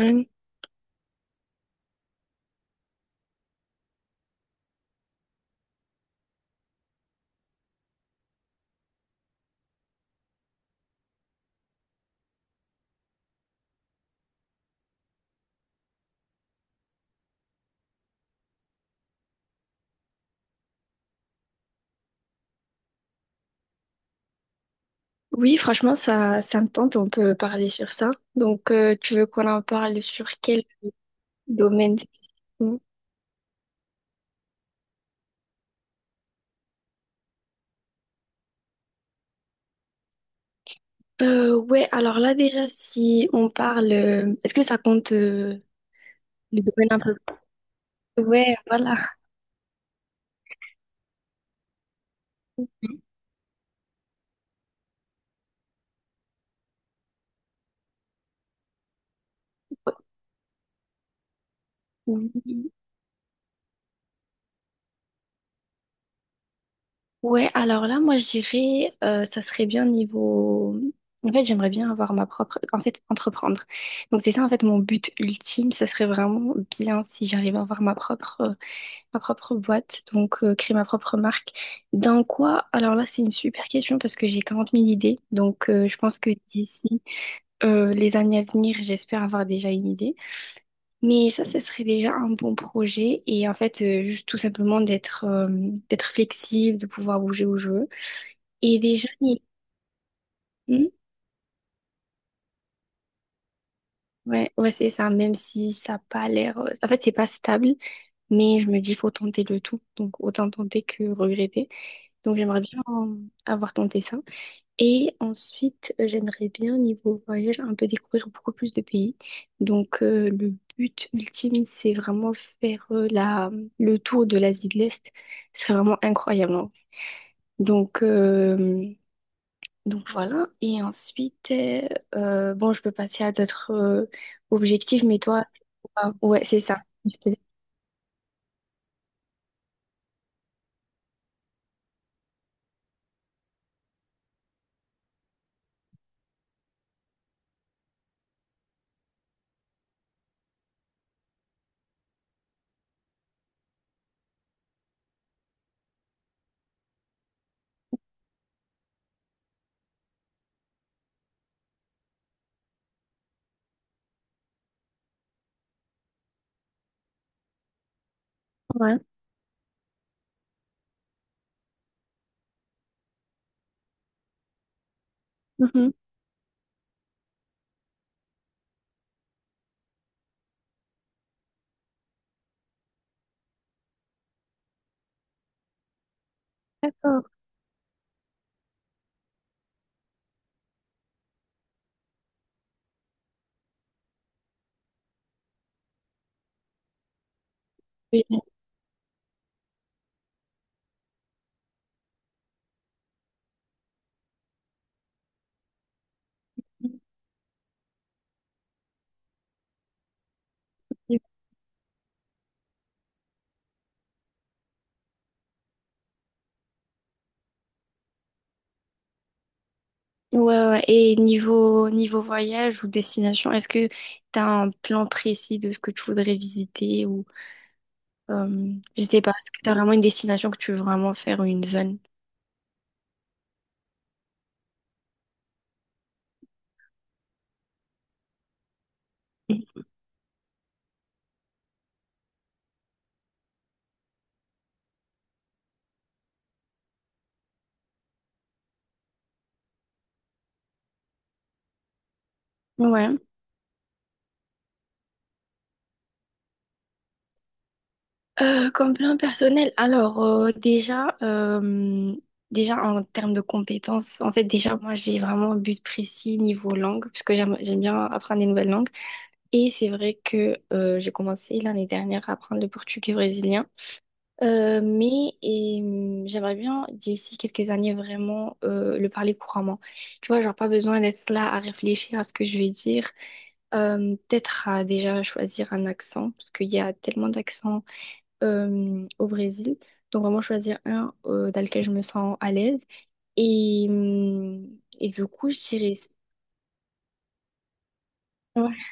Euh, oui, franchement, ça me tente, on peut parler sur ça. Donc, tu veux qu'on en parle sur quel domaine spécifiquement? Ouais, alors là, déjà, si on parle, est-ce que ça compte le domaine un peu? Ouais, voilà. Oui. Ouais, alors là, moi, je dirais, ça serait bien niveau. En fait, j'aimerais bien avoir ma propre. En fait, entreprendre. Donc, c'est ça, en fait, mon but ultime. Ça serait vraiment bien si j'arrive à avoir ma propre boîte, donc créer ma propre marque. Dans quoi? Alors là, c'est une super question parce que j'ai 40 000 idées. Donc je pense que d'ici les années à venir, j'espère avoir déjà une idée. Mais ça serait déjà un bon projet. Et en fait, juste tout simplement d'être d'être flexible, de pouvoir bouger où je veux. Et déjà, Hmm. Ouais, ouais, c'est ça, même si ça n'a pas l'air. En fait, c'est pas stable, mais je me dis, faut tenter le tout. Donc, autant tenter que regretter. Donc, j'aimerais bien avoir tenté ça. Et ensuite, j'aimerais bien, niveau voyage, un peu découvrir beaucoup plus de pays. Donc, le but ultime, c'est vraiment faire le tour de l'Asie de l'Est. C'est vraiment incroyable, hein. Donc, euh, donc voilà. Et ensuite, bon, je peux passer à d'autres objectifs, mais toi, ah, ouais, c'est ça. Je te- Ouais. Mhm. D'accord. Oui. Ouais, ouais. Et niveau, niveau voyage ou destination, est-ce que tu as un plan précis de ce que tu voudrais visiter ou je sais pas, est-ce que tu as vraiment une destination que tu veux vraiment faire ou une zone? Ouais. Comme plan personnel, alors déjà en termes de compétences, en fait déjà moi j'ai vraiment un but précis niveau langue, parce que j'aime bien apprendre des nouvelles langues. Et c'est vrai que j'ai commencé l'année dernière à apprendre le portugais brésilien. Mais j'aimerais bien d'ici quelques années vraiment le parler couramment. Tu vois, genre pas besoin d'être là à réfléchir à ce que je vais dire. Peut-être à déjà choisir un accent, parce qu'il y a tellement d'accents au Brésil. Donc vraiment choisir un dans lequel je me sens à l'aise. Et, hum, et du coup, je dirais. Ouais,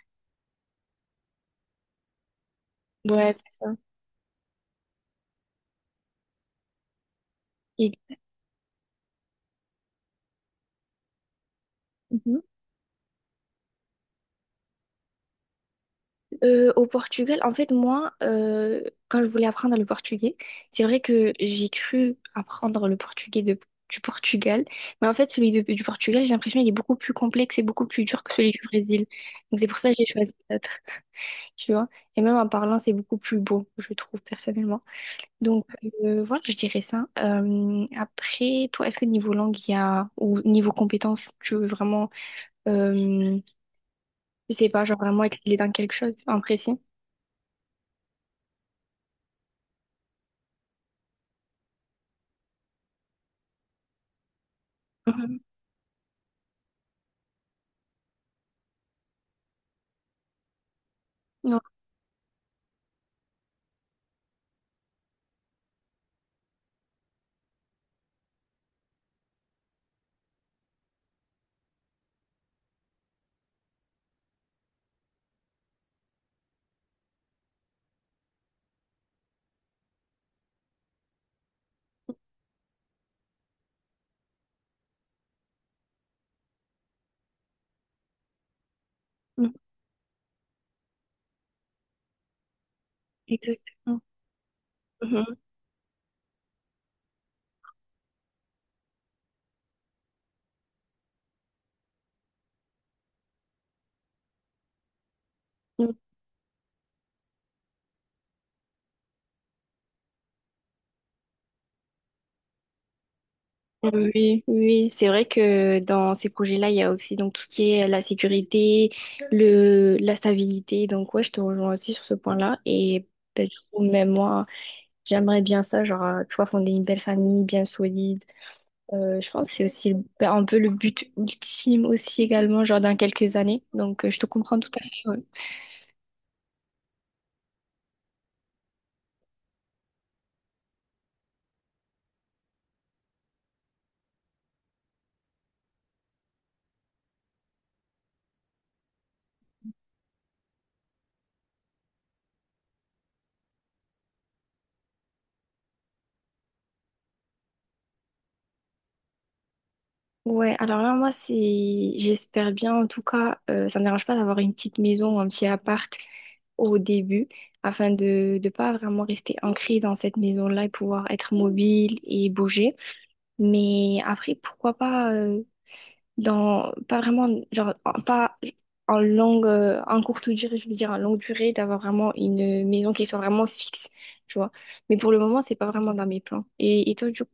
ouais, c'est ça. Et... Au Portugal, en fait, moi, quand je voulais apprendre le portugais, c'est vrai que j'ai cru apprendre le portugais du Portugal, mais en fait, celui du Portugal, j'ai l'impression qu'il est beaucoup plus complexe et beaucoup plus dur que celui du Brésil. Donc, c'est pour ça que j'ai choisi l'autre, tu vois. Et même en parlant, c'est beaucoup plus beau, je trouve, personnellement. Donc, voilà, je dirais ça. Après, toi, est-ce que niveau langue, il y a, ou niveau compétence, tu veux vraiment, euh, je sais pas, genre vraiment exceller dans quelque chose en précis? Mhm. Ouais. Exactement. Mhm. Donc, Oui, oui, c'est vrai que dans ces projets-là, il y a aussi donc tout ce qui est la sécurité, le, la stabilité. Donc ouais, je te rejoins aussi sur ce point-là. Et ben, du coup, même moi, j'aimerais bien ça, genre, tu vois, fonder une belle famille bien solide. Je pense que c'est aussi ben, un peu le but ultime aussi également, genre dans quelques années. Donc je te comprends tout à fait. Ouais. Ouais, alors là, moi, c'est, j'espère bien, en tout cas, ça ne me dérange pas d'avoir une petite maison ou un petit appart au début, afin de ne pas vraiment rester ancré dans cette maison-là et pouvoir être mobile et bouger. Mais après, pourquoi pas, dans, pas vraiment, genre, pas en longue, en courte durée, je veux dire, en longue durée, d'avoir vraiment une maison qui soit vraiment fixe, tu vois. Mais pour le moment, c'est pas vraiment dans mes plans. Et toi, du coup?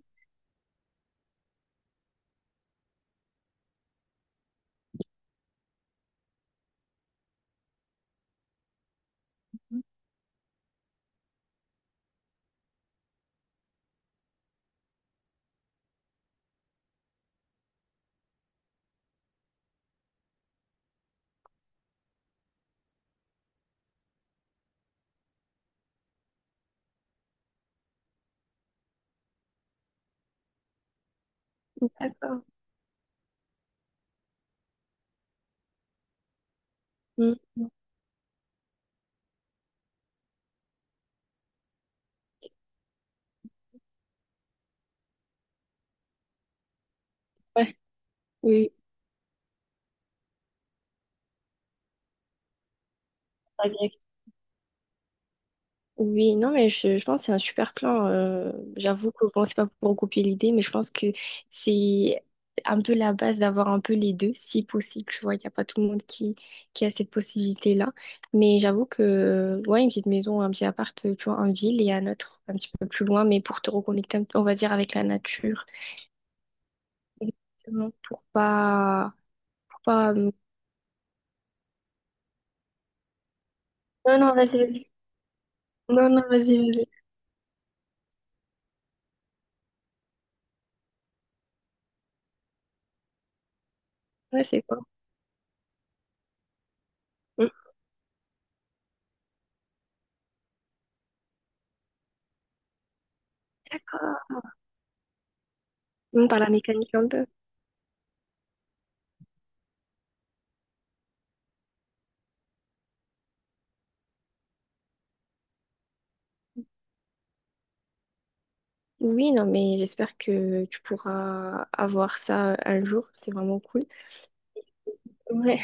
D'accord. Mm. Ouais. Oui. Oui, non, mais je pense que c'est un super plan. J'avoue que bon, c'est pas pour copier l'idée, mais je pense que c'est un peu la base d'avoir un peu les deux, si possible. Tu vois, il n'y a pas tout le monde qui a cette possibilité-là. Mais j'avoue que, ouais, une petite maison, un petit appart, tu vois, en ville et un autre un petit peu plus loin, mais pour te reconnecter, un peu, on va dire, avec la nature. Exactement, pour pas... Non, non, vas-y, vas-y. Non, non, vas-y, vas-y. Ouais, c'est quoi? Mm. D'accord. On parle à la mécanique un peu. Oui, non, mais j'espère que tu pourras avoir ça un jour. C'est vraiment cool. Ouais.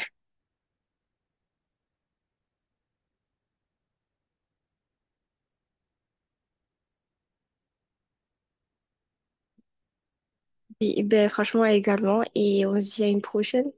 Et, ben, franchement, également. Et on se dit à une prochaine.